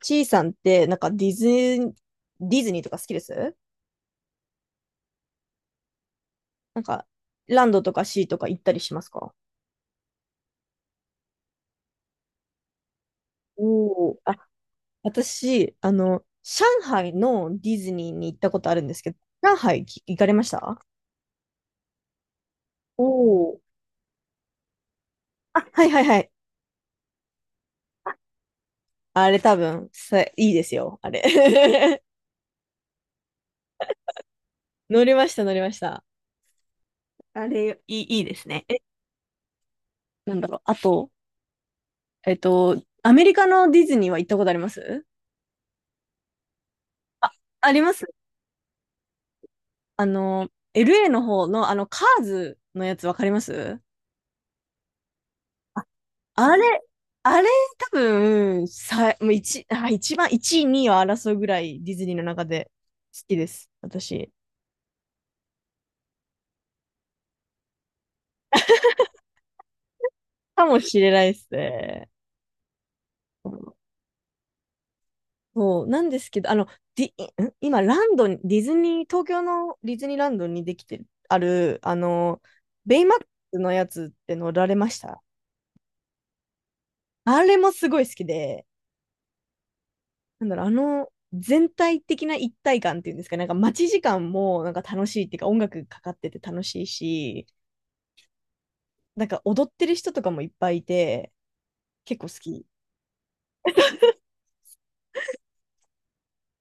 ちいさんって、なんかディズニーとか好きです。なんか、ランドとかシーとか行ったりしますか？おおー、あ、私、上海のディズニーに行ったことあるんですけど、上海き行かれました？おおー、あ、はいはいはい。あれ多分、いいですよ、あれ。乗りました、乗りました。あれ、いいですね。なんだろう。あと、アメリカのディズニーは行ったことあります？あ、あります。LA の方の、カーズのやつわかります？ああれ、あれ、多分、もう一、あ、一番、一位、二位を争うぐらいディズニーの中で好きです。私。かもしれないですね。そう、なんですけど、ん今、ランドに、ディズニー、東京のディズニーランドにできてる、ある、ベイマックスのやつって乗られました？あれもすごい好きで、なんだろう、あの全体的な一体感っていうんですか、なんか待ち時間もなんか楽しいっていうか、音楽かかってて楽しいし、なんか踊ってる人とかもいっぱいいて、結構好き。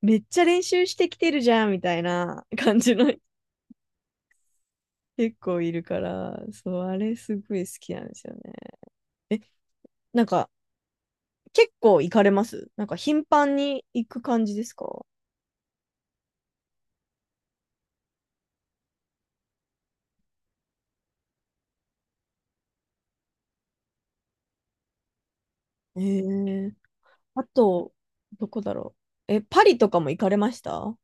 めっちゃ練習してきてるじゃんみたいな 感じの結構いるから、そう、あれすごい好きなんですよね。え、なんか結構行かれます？なんか頻繁に行く感じですか？えー、あと、どこだろう。パリとかも行かれました？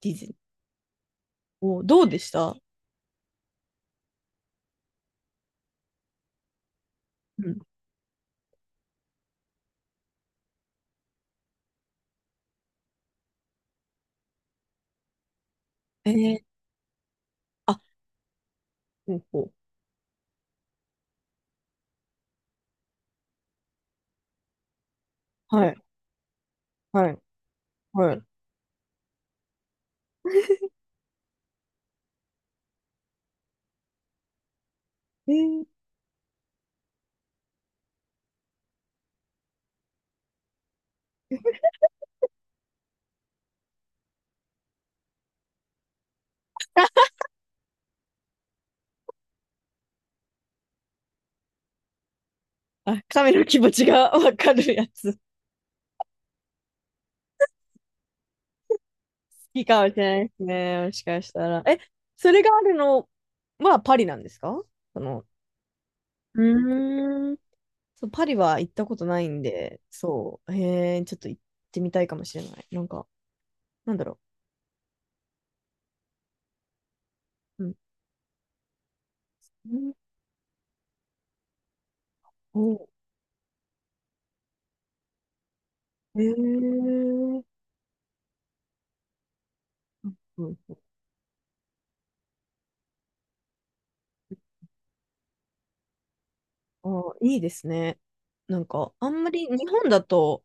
ディズニー。お、どうでした？うん、ええ、あ、ほうほう。はい、はい、はい。えー、あ、神の気持ちが わかるやつ。好きかもしれないですね。もしかしたら。それがあるのはパリなんですか？その、うーん。そう、パリは行ったことないんで、そう、へえ、ちょっと行ってみたいかもしれない。なんか、なんだろう。うん。うん、お、へえ、うん、あ、いいですね。なんか、あんまり日本だと、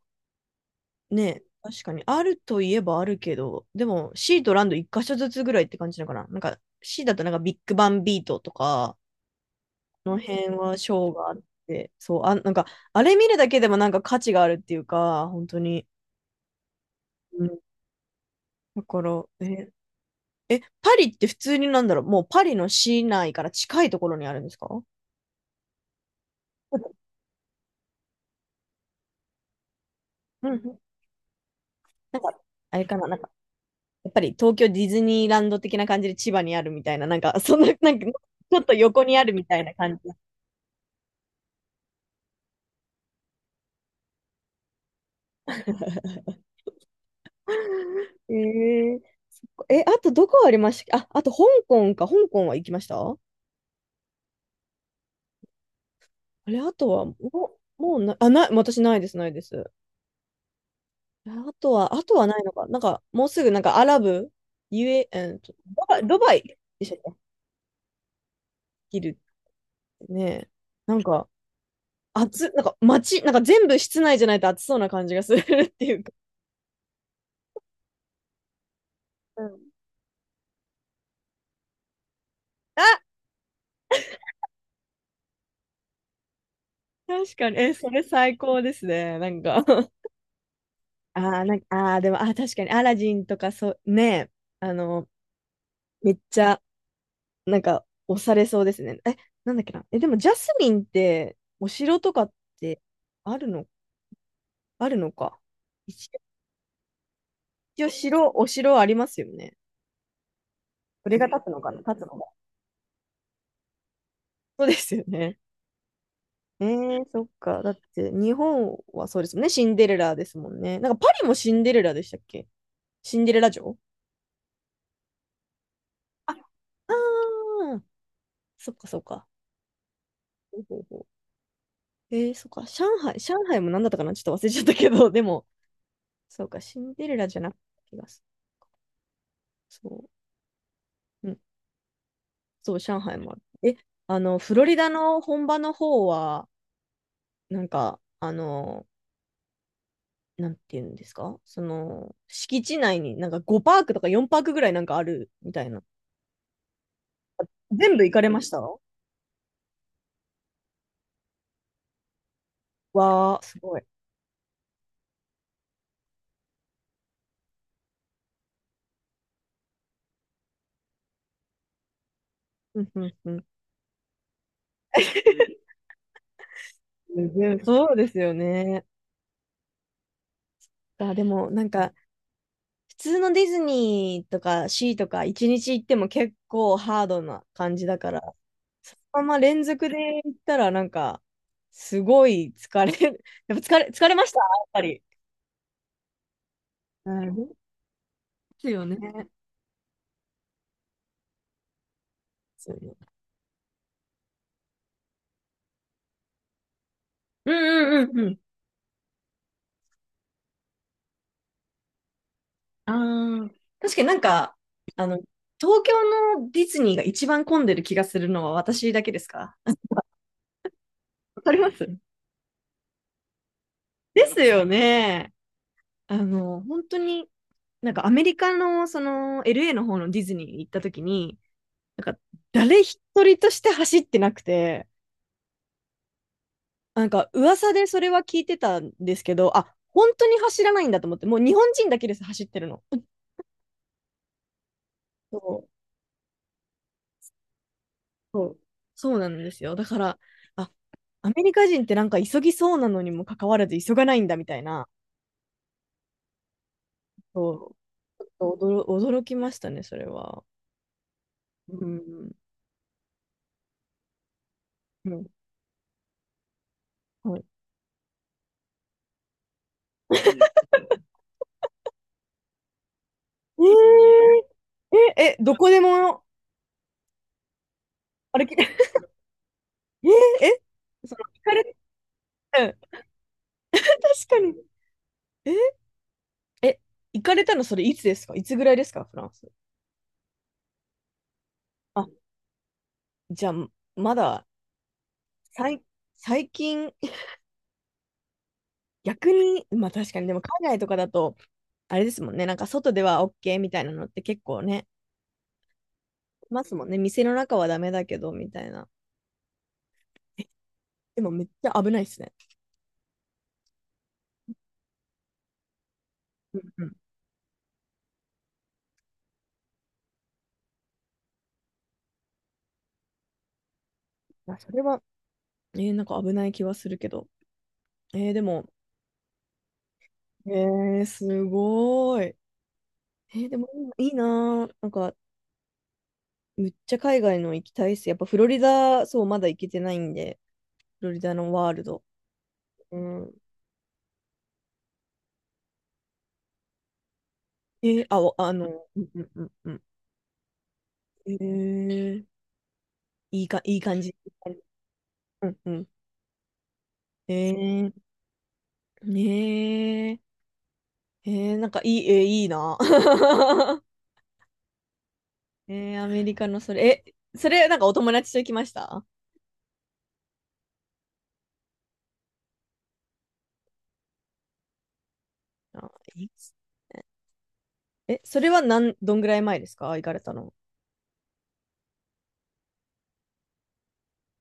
ね、確かに。あるといえばあるけど、でも C とランド一箇所ずつぐらいって感じなのかな。なんか C だとなんかビッグバンビートとか、この辺はショーがあって、そう、あ、なんか、あれ見るだけでもなんか価値があるっていうか、本当に。うん。だから、パリって普通になんだろう、もうパリの市内から近いところにあるんですか？うんうん。なんか、あれかな、なんか、やっぱり東京ディズニーランド的な感じで千葉にあるみたいな、なんか、そんな、なんか、ちょっと横にあるみたいな感じ。えー、あとどこありましたっけ？あ、あと香港か。香港は行きました？あれ、あとは、もう、もうな、あ、ない、私ないです、ないです。ああとはないのか。なんか、もうすぐ、なんか、アラブ、ゆえ、えーと、ドバイ、ドバイでしたっけ？切るってね。なんか、なんか、街、なんか全部室内じゃないと暑そうな感じがするっていうか。うん、あ、確かに。それ最高ですね。なんか なんか、でも、確かに、アラジンとか、そう、ね、あの、めっちゃ、なんか押されそうですね。なんだっけな。でもジャスミンってお城とかってあるの、あるのか。一応、一応お城ありますよね。それが立つのかな、立つのか。そうですよね。そっか。だって日本はそうですもんね。シンデレラですもんね。なんかパリもシンデレラでしたっけ？シンデレラ城。あ、あー、そっかそっか。ほうほうほう、そっか。上海も何だったかなちょっと忘れちゃったけど、でも、そうか、シンデレラじゃなくて気がする。そう。うん、そう、上海もある。え、フロリダの本場の方は、なんか、なんていうんですか、敷地内になんか5パークとか4パークぐらいなんかあるみたいな。全部行かれました？わー、すごい。うんうんうん。うん、そうですよね。あ、でも、なんか、普通のディズニーとかシーとか一日行っても結構ハードな感じだから、そのまま連続で行ったらなんか、すごい疲れる。やっぱ疲れましたやっぱり。なるほどですよね。そうね、うんうんうんうん。ああ、確かになんか、あの、東京のディズニーが一番混んでる気がするのは私だけですか？わかりますですよね。本当になんかアメリカのその LA の方のディズニーに行った時に、なんか誰一人として走ってなくて、なんか噂でそれは聞いてたんですけど、あ、本当に走らないんだと思って、もう日本人だけです、走ってるの。そう、そう。そうなんですよ。だから、あ、アメリカ人ってなんか急ぎそうなのにもかかわらず急がないんだみたいな、そうちょっと驚きましたね、それは。うん。うんはい、えーどこでも歩き、えー、え、その、行かれ、うん、確かに。え、え、行かれたのそれいつですか？いつぐらいですか？フランス。あ、じゃあ、まだ、最、最近、逆に、まあ確かに、でも海外とかだと、あれですもんね、なんか外では OK みたいなのって結構ね、いますもんね。店の中はダメだけど、みたいな。でもめっちゃ危ないですね。うんうん。あ、それは、なんか危ない気はするけど。でも、えすごい。でもいいないいなー。なんか、むっちゃ海外の行きたいっす。やっぱフロリダ、そう、まだ行けてないんで、フロリダのワールド。うん。えーあ、おあの、うんうんうんうん。えー、いいか、いい感じ。うんうん。えー、ねえ。なんかいい、えーいいな。アメリカのそれ、それなんかお友達と行きました？あ、いいっす。それはなん、どんぐらい前ですか？行かれたの。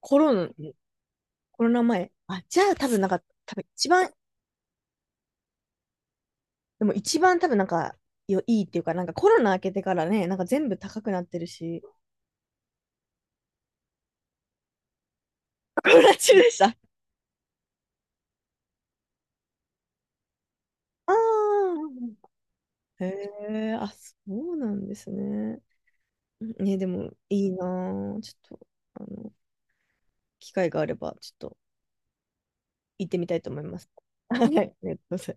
コロナ、コロナ前。あ、じゃあ多分なんか、多分一番でも一番多分なんか、よいいっていうか、なんかコロナ明けてからね、なんか全部高くなってるし、コロナ中でした。ああ、へえ、あ、そうなんですね。ね、でもいいなぁちょっと、あの、機会があれば、ちょっと行ってみたいと思います。はい、ありがとうございます。